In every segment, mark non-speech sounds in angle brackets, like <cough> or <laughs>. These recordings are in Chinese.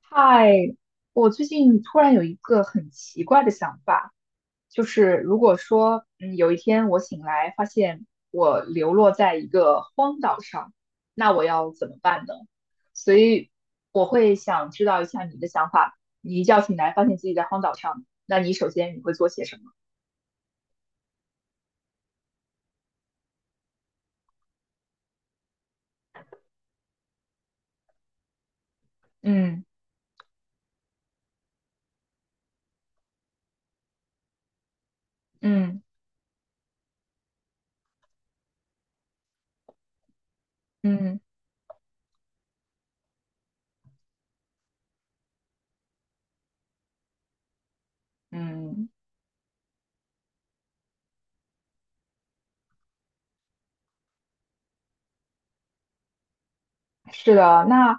嗨，我最近突然有一个很奇怪的想法，就是如果说，有一天我醒来发现我流落在一个荒岛上，那我要怎么办呢？所以我会想知道一下你的想法。你一觉醒来发现自己在荒岛上，那你首先会做些什么？嗯嗯嗯嗯。是的，那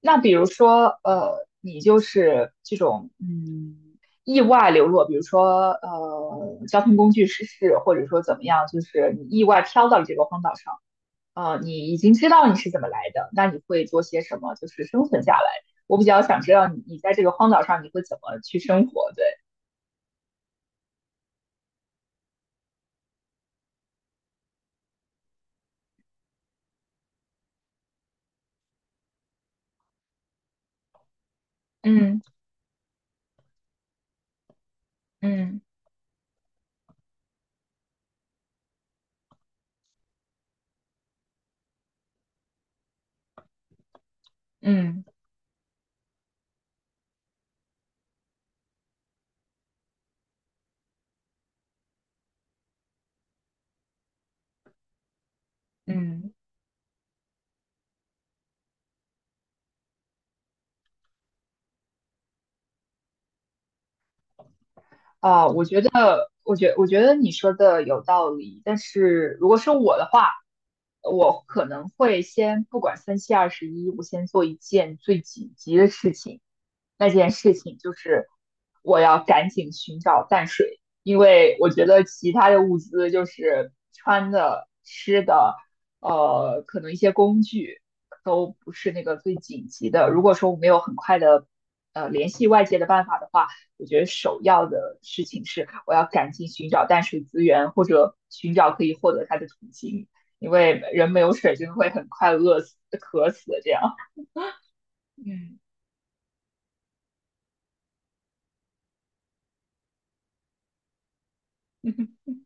那比如说，你就是这种意外流落，比如说交通工具失事，或者说怎么样，就是你意外飘到了这个荒岛上，你已经知道你是怎么来的，那你会做些什么，就是生存下来？我比较想知道你在这个荒岛上你会怎么去生活？对，嗯嗯嗯嗯。啊，我觉得你说的有道理。但是如果是我的话，我可能会先不管三七二十一，我先做一件最紧急的事情，那件事情，就是我要赶紧寻找淡水，因为我觉得其他的物资就是穿的、吃的，可能一些工具都不是那个最紧急的。如果说我没有很快的联系外界的办法的话，我觉得首要的事情是我要赶紧寻找淡水资源，或者寻找可以获得它的途径，因为人没有水真的会很快饿死、渴死的这样。嗯 <laughs>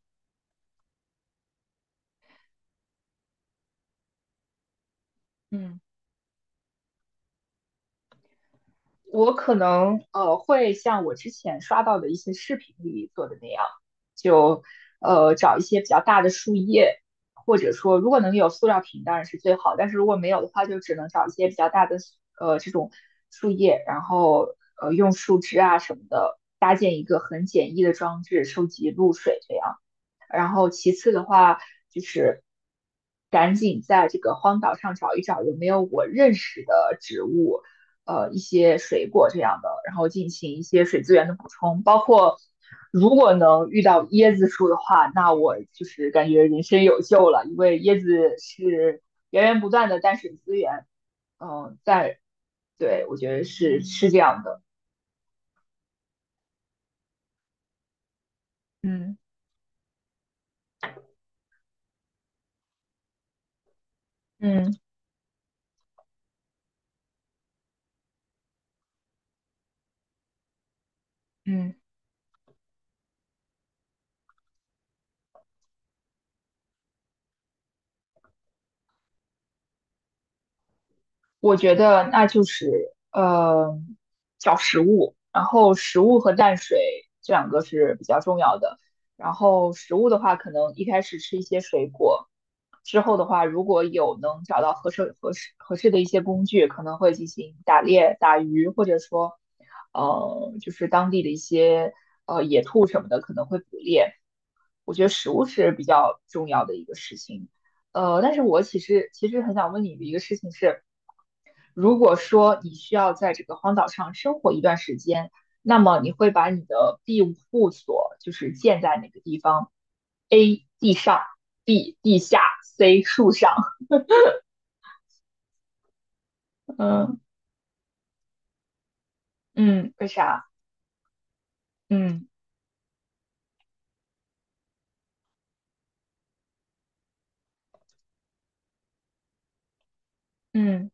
嗯，我可能会像我之前刷到的一些视频里做的那样，就找一些比较大的树叶，或者说如果能有塑料瓶当然是最好，但是如果没有的话，就只能找一些比较大的这种树叶，然后用树枝啊什么的搭建一个很简易的装置收集露水这样。然后其次的话就是赶紧在这个荒岛上找一找有没有我认识的植物，一些水果这样的，然后进行一些水资源的补充，包括如果能遇到椰子树的话，那我就是感觉人生有救了，因为椰子是源源不断的淡水资源，嗯、呃在对我觉得是这样的，嗯嗯嗯。我觉得那就是找食物，然后食物和淡水这两个是比较重要的。然后食物的话，可能一开始吃一些水果，之后的话，如果有能找到合适的一些工具，可能会进行打猎、打鱼，或者说就是当地的一些野兔什么的，可能会捕猎。我觉得食物是比较重要的一个事情。但是我其实很想问你的一个事情是，如果说你需要在这个荒岛上生活一段时间，那么你会把你的庇护所就是建在哪个地方？A 地上，B 地下，C 树上。嗯嗯，为啥？嗯嗯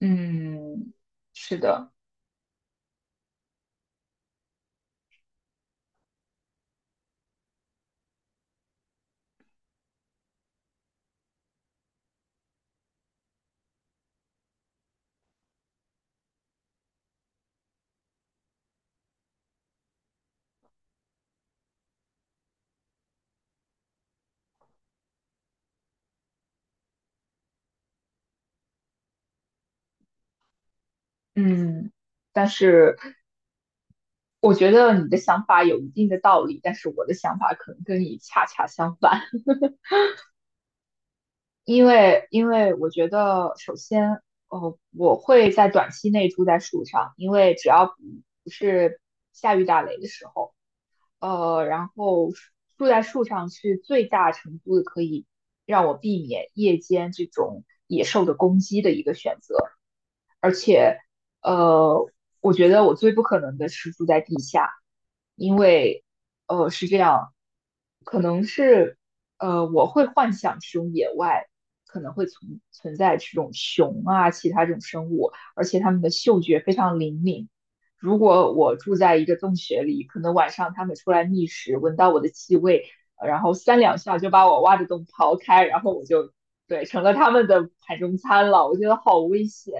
嗯，是的，嗯，但是我觉得你的想法有一定的道理，但是我的想法可能跟你恰恰相反。因为我觉得，首先，我会在短期内住在树上，因为只要不是下雨打雷的时候，然后住在树上是最大程度的可以让我避免夜间这种野兽的攻击的一个选择。而且，呃，我觉得我最不可能的是住在地下，因为，是这样，可能是，我会幻想这种野外可能会存在这种熊啊，其他这种生物，而且它们的嗅觉非常灵敏。如果我住在一个洞穴里，可能晚上它们出来觅食，闻到我的气味，然后三两下就把我挖的洞刨开，然后我就，对，成了他们的盘中餐了。我觉得好危险。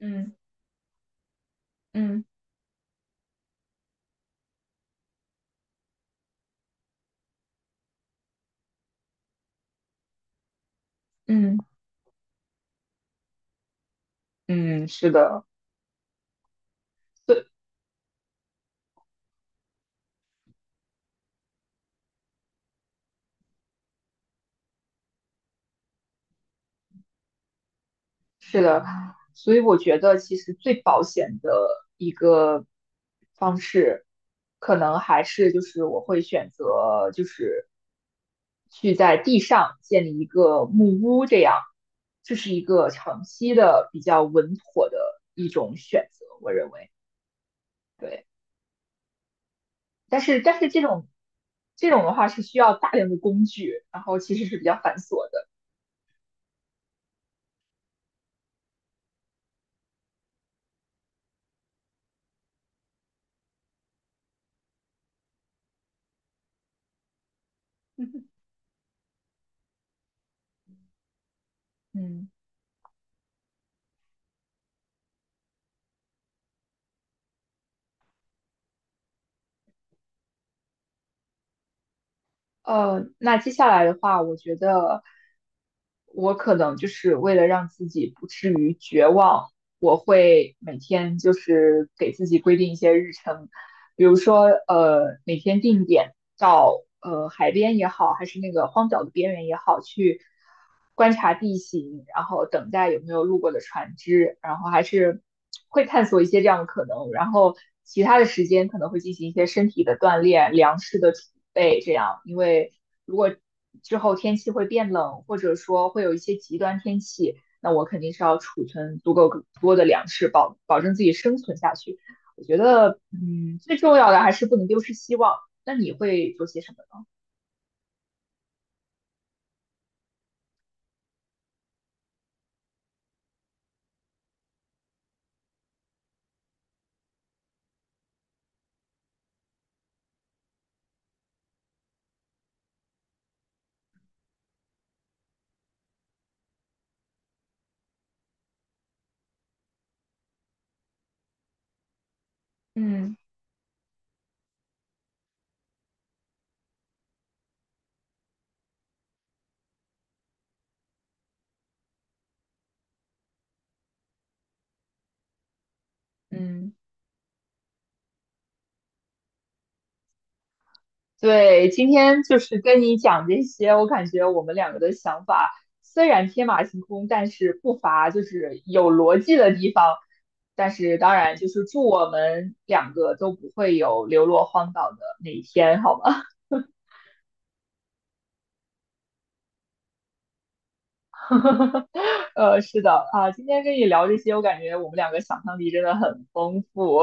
嗯嗯嗯嗯，是的，对，是的，所以我觉得其实最保险的一个方式，可能还是就是我会选择就是去在地上建立一个木屋，这样，这是一个长期的比较稳妥的一种选择，我认为，对，但是这种的话是需要大量的工具，然后其实是比较繁琐的，<laughs> 嗯。那接下来的话，我觉得我可能就是为了让自己不至于绝望，我会每天就是给自己规定一些日程，比如说每天定点到海边也好，还是那个荒岛的边缘也好，去观察地形，然后等待有没有路过的船只，然后还是会探索一些这样的可能，然后其他的时间可能会进行一些身体的锻炼、粮食的储备，这样，因为如果之后天气会变冷，或者说会有一些极端天气，那我肯定是要储存足够多的粮食，保证自己生存下去。我觉得，最重要的还是不能丢失希望。那你会做些什么呢？嗯嗯对，今天就是跟你讲这些，我感觉我们两个的想法虽然天马行空，但是不乏就是有逻辑的地方。但是当然，就是祝我们两个都不会有流落荒岛的那一天，好吗？<laughs> 是的啊，今天跟你聊这些，我感觉我们两个想象力真的很丰富，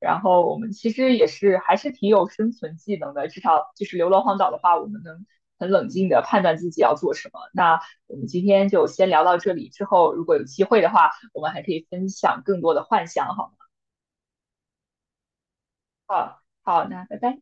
然后我们其实也是还是挺有生存技能的，至少就是流落荒岛的话，我们能很冷静的判断自己要做什么。那我们今天就先聊到这里，之后如果有机会的话，我们还可以分享更多的幻想，好吗？好，好，那拜拜。